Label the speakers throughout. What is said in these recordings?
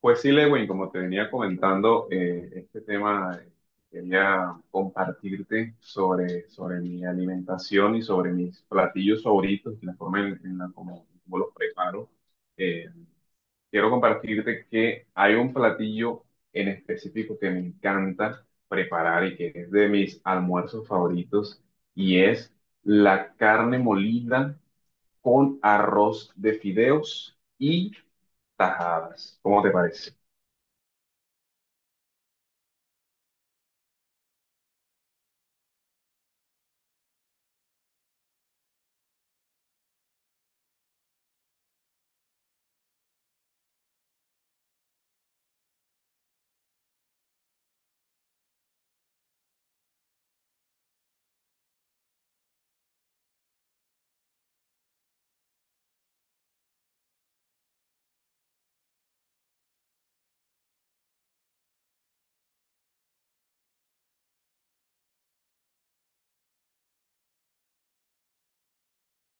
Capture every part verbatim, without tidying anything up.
Speaker 1: Pues sí, Lewin, como te venía comentando, eh, este tema eh, quería compartirte sobre, sobre mi alimentación y sobre mis platillos favoritos y la forma en, en la como, como los preparo. Eh, quiero compartirte que hay un platillo en específico que me encanta preparar y que es de mis almuerzos favoritos y es la carne molida con arroz de fideos y tajadas. ¿Cómo te parece?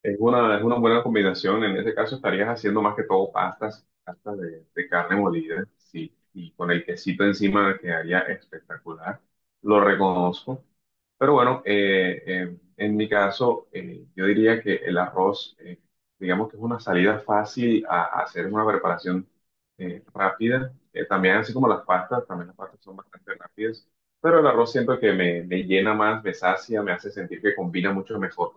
Speaker 1: Es una, es una buena combinación. En ese caso estarías haciendo más que todo pastas, pastas de, de carne molida, sí, y con el quesito encima quedaría espectacular. Lo reconozco. Pero bueno, eh, eh, en mi caso, eh, yo diría que el arroz, eh, digamos que es una salida fácil a, a hacer una preparación eh, rápida. Eh, también así como las pastas, también las pastas son bastante rápidas. Pero el arroz siento que me, me llena más, me sacia, me hace sentir que combina mucho mejor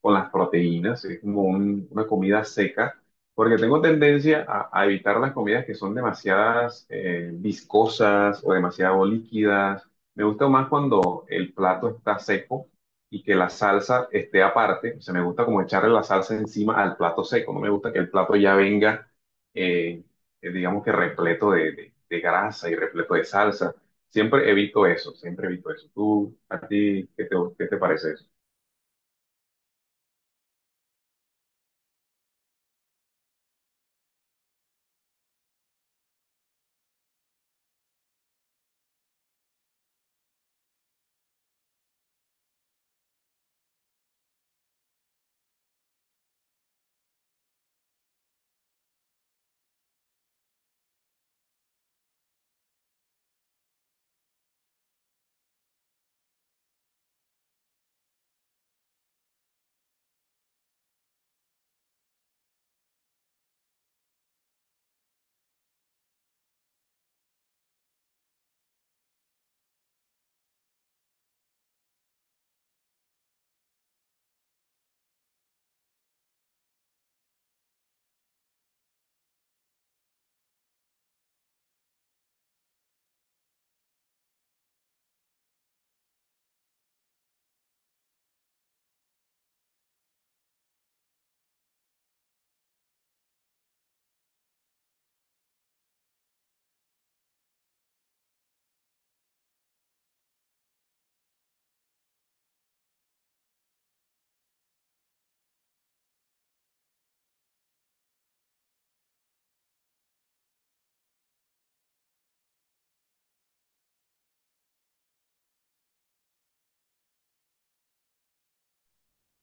Speaker 1: con las proteínas, es como un- una comida seca, porque tengo tendencia a, a evitar las comidas que son demasiadas eh, viscosas o demasiado líquidas. Me gusta más cuando el plato está seco y que la salsa esté aparte. O sea, me gusta como echarle la salsa encima al plato seco. No me gusta que el plato ya venga, eh, eh, digamos que repleto de, de de grasa y repleto de salsa. Siempre evito eso, siempre evito eso. ¿Tú, a ti, qué te, qué te parece eso?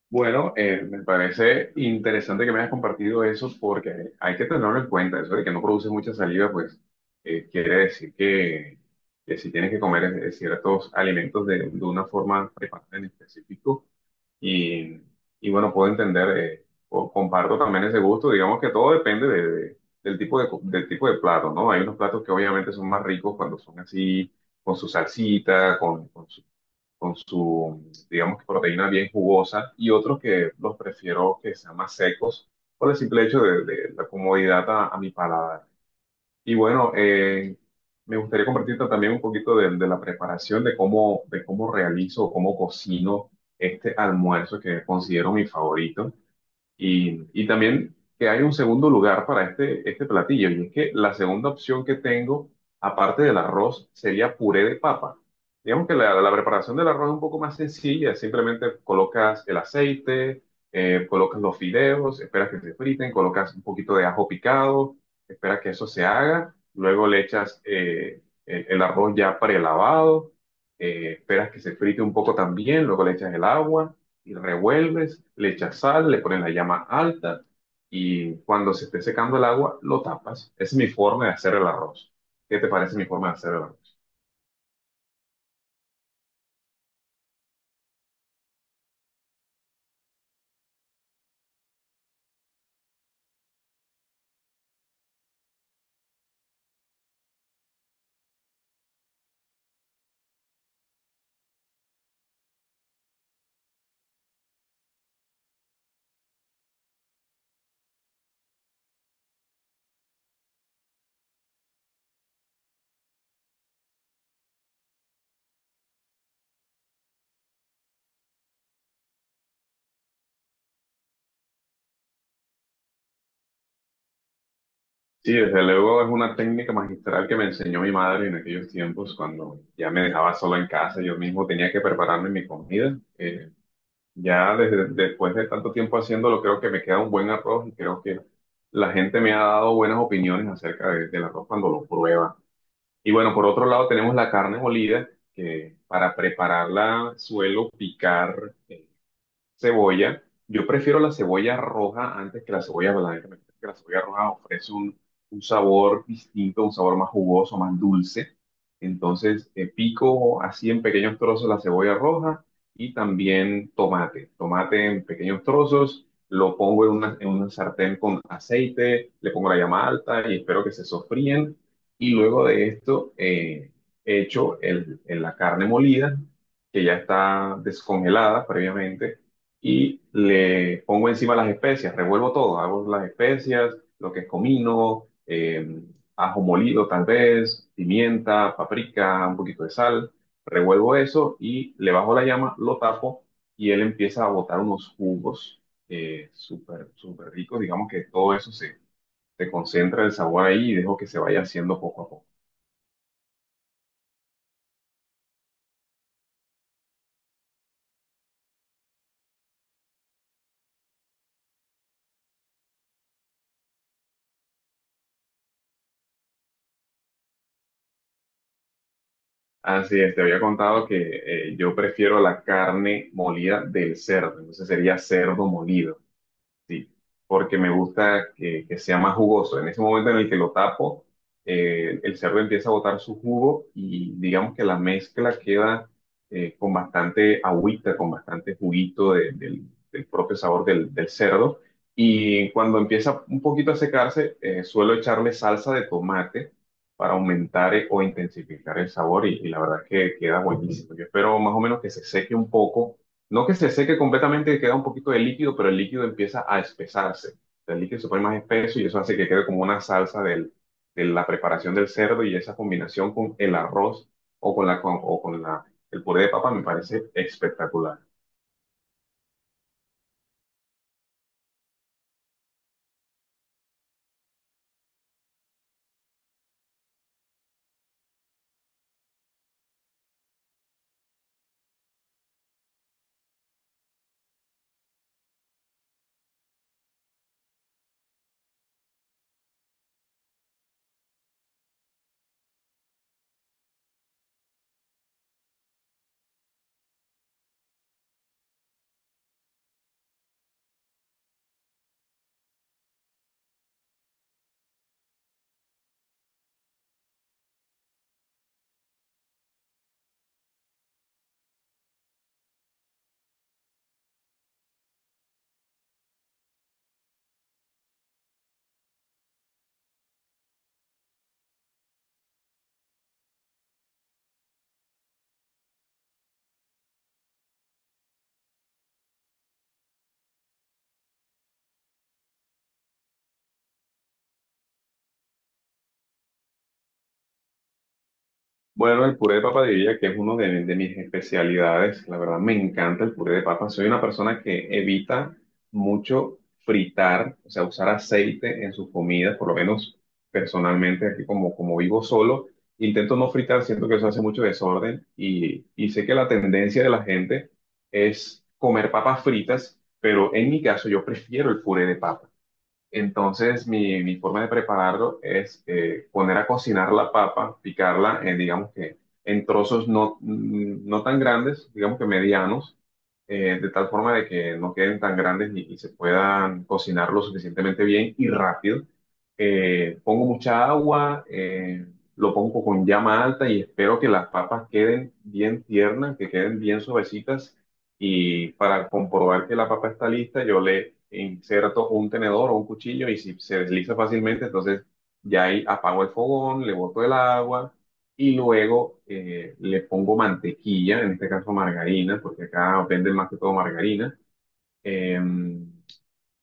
Speaker 1: Bueno, eh, me parece interesante que me hayas compartido eso porque hay que tenerlo en cuenta, eso de que no produce mucha saliva, pues eh, quiere decir que, que si tienes que comer eh, ciertos alimentos de, de una forma preparada en específico y, y bueno, puedo entender, eh, o comparto también ese gusto, digamos que todo depende de- de- del tipo de, co- del tipo de plato, ¿no? Hay unos platos que obviamente son más ricos cuando son así, con su salsita, con su, digamos que proteína bien jugosa, y otros que los prefiero que sean más secos por el simple hecho de, de la comodidad a, a mi paladar. Y bueno, eh, me gustaría compartirte también un poquito de, de la preparación, de cómo, de cómo realizo, cómo cocino este almuerzo que considero mi favorito. Y, y también que hay un segundo lugar para este, este platillo, y es que la segunda opción que tengo, aparte del arroz, sería puré de papa. Digamos que la, la preparación del arroz es un poco más sencilla, simplemente colocas el aceite, eh, colocas los fideos, esperas que se friten, colocas un poquito de ajo picado, esperas que eso se haga, luego le echas eh, el, el arroz ya prelavado, eh, esperas que se frite un poco también, luego le echas el agua y revuelves, le echas sal, le pones la llama alta y cuando se esté secando el agua, lo tapas. Esa es mi forma de hacer el arroz. ¿Qué te parece mi forma de hacer el arroz? Sí, desde luego es una técnica magistral que me enseñó mi madre en aquellos tiempos cuando ya me dejaba solo en casa, yo mismo tenía que prepararme mi comida. Eh, ya desde, después de tanto tiempo haciéndolo, creo que me queda un buen arroz y creo que la gente me ha dado buenas opiniones acerca de- del arroz cuando lo prueba. Y bueno, por otro lado tenemos la carne molida, que para prepararla suelo picar. eh, cebolla. Yo prefiero la cebolla roja antes que la cebolla blanca. Me parece que la cebolla roja ofrece un, un sabor distinto, un sabor más jugoso, más dulce. Entonces, eh, pico así en pequeños trozos la cebolla roja y también tomate. Tomate en pequeños trozos, lo pongo en una, en una sartén con aceite, le pongo la llama alta y espero que se sofríen. Y luego de esto, eh, echo el, el- la carne molida, que ya está descongelada previamente y le pongo encima las especias, revuelvo todo, hago las especias, lo que es comino, eh, ajo molido tal vez, pimienta, paprika, un poquito de sal, revuelvo eso y le bajo la llama, lo tapo y él empieza a botar unos jugos eh, súper, súper ricos, digamos que todo eso se, se concentra el sabor ahí y dejo que se vaya haciendo poco a poco. Así es, te había contado que eh, yo prefiero la carne molida del cerdo, entonces sería cerdo molido. Sí, porque me gusta que, que sea más jugoso. En ese momento en el que lo tapo, eh, el cerdo empieza a botar su jugo y digamos que la mezcla queda eh, con bastante agüita, con bastante juguito de- del, del propio sabor del, del cerdo. Y cuando empieza un poquito a secarse, eh, suelo echarle salsa de tomate para aumentar eh, o intensificar el sabor y, y la verdad que queda buenísimo. Yo espero más o menos que se seque un poco no que se seque completamente, queda un poquito de líquido, pero el líquido empieza a espesarse. O sea, el líquido se pone más espeso y eso hace que quede como una salsa del- de la preparación del cerdo y esa combinación con el arroz o con la, con- o con la, el puré de papa me parece espectacular. Bueno, el puré de papa diría que es uno de, de mis especialidades. La verdad me encanta el puré de papa. Soy una persona que evita mucho fritar, o sea, usar aceite en sus comidas, por lo menos personalmente, aquí como, como vivo solo, intento no fritar, siento que eso hace mucho desorden y, y sé que la tendencia de la gente es comer papas fritas, pero en mi caso yo prefiero el puré de papa. Entonces, mi, mi forma de prepararlo es eh, poner a cocinar la papa, picarla, eh, digamos que en trozos no, mm, no tan grandes, digamos que medianos, eh, de tal forma de que no queden tan grandes y, y se puedan cocinar lo suficientemente bien y rápido. Eh, pongo mucha agua, eh, lo pongo con llama alta y espero que las papas queden bien tiernas, que queden bien suavecitas y para comprobar que la papa está lista, yo le inserto un tenedor o un cuchillo y si se desliza fácilmente, entonces ya ahí apago el fogón, le boto el agua y luego eh, le pongo mantequilla, en este caso margarina, porque acá venden más que todo margarina. Em,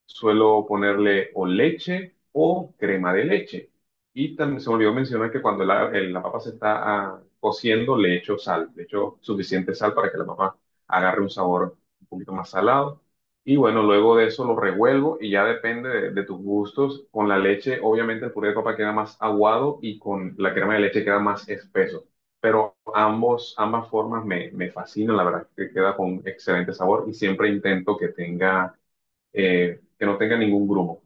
Speaker 1: Suelo ponerle o leche o crema de leche. Y también se me olvidó mencionar que cuando la, el- la papa se está ah, cociendo, le echo sal. Le echo suficiente sal para que la papa agarre un sabor un poquito más salado. Y bueno, luego de eso lo revuelvo y ya depende de, de tus gustos. Con la leche, obviamente el puré de papa queda más aguado y con la crema de leche queda más espeso. Pero ambos, ambas formas me, me fascinan, la verdad, que queda con excelente sabor y siempre intento que tenga eh, que no tenga ningún grumo.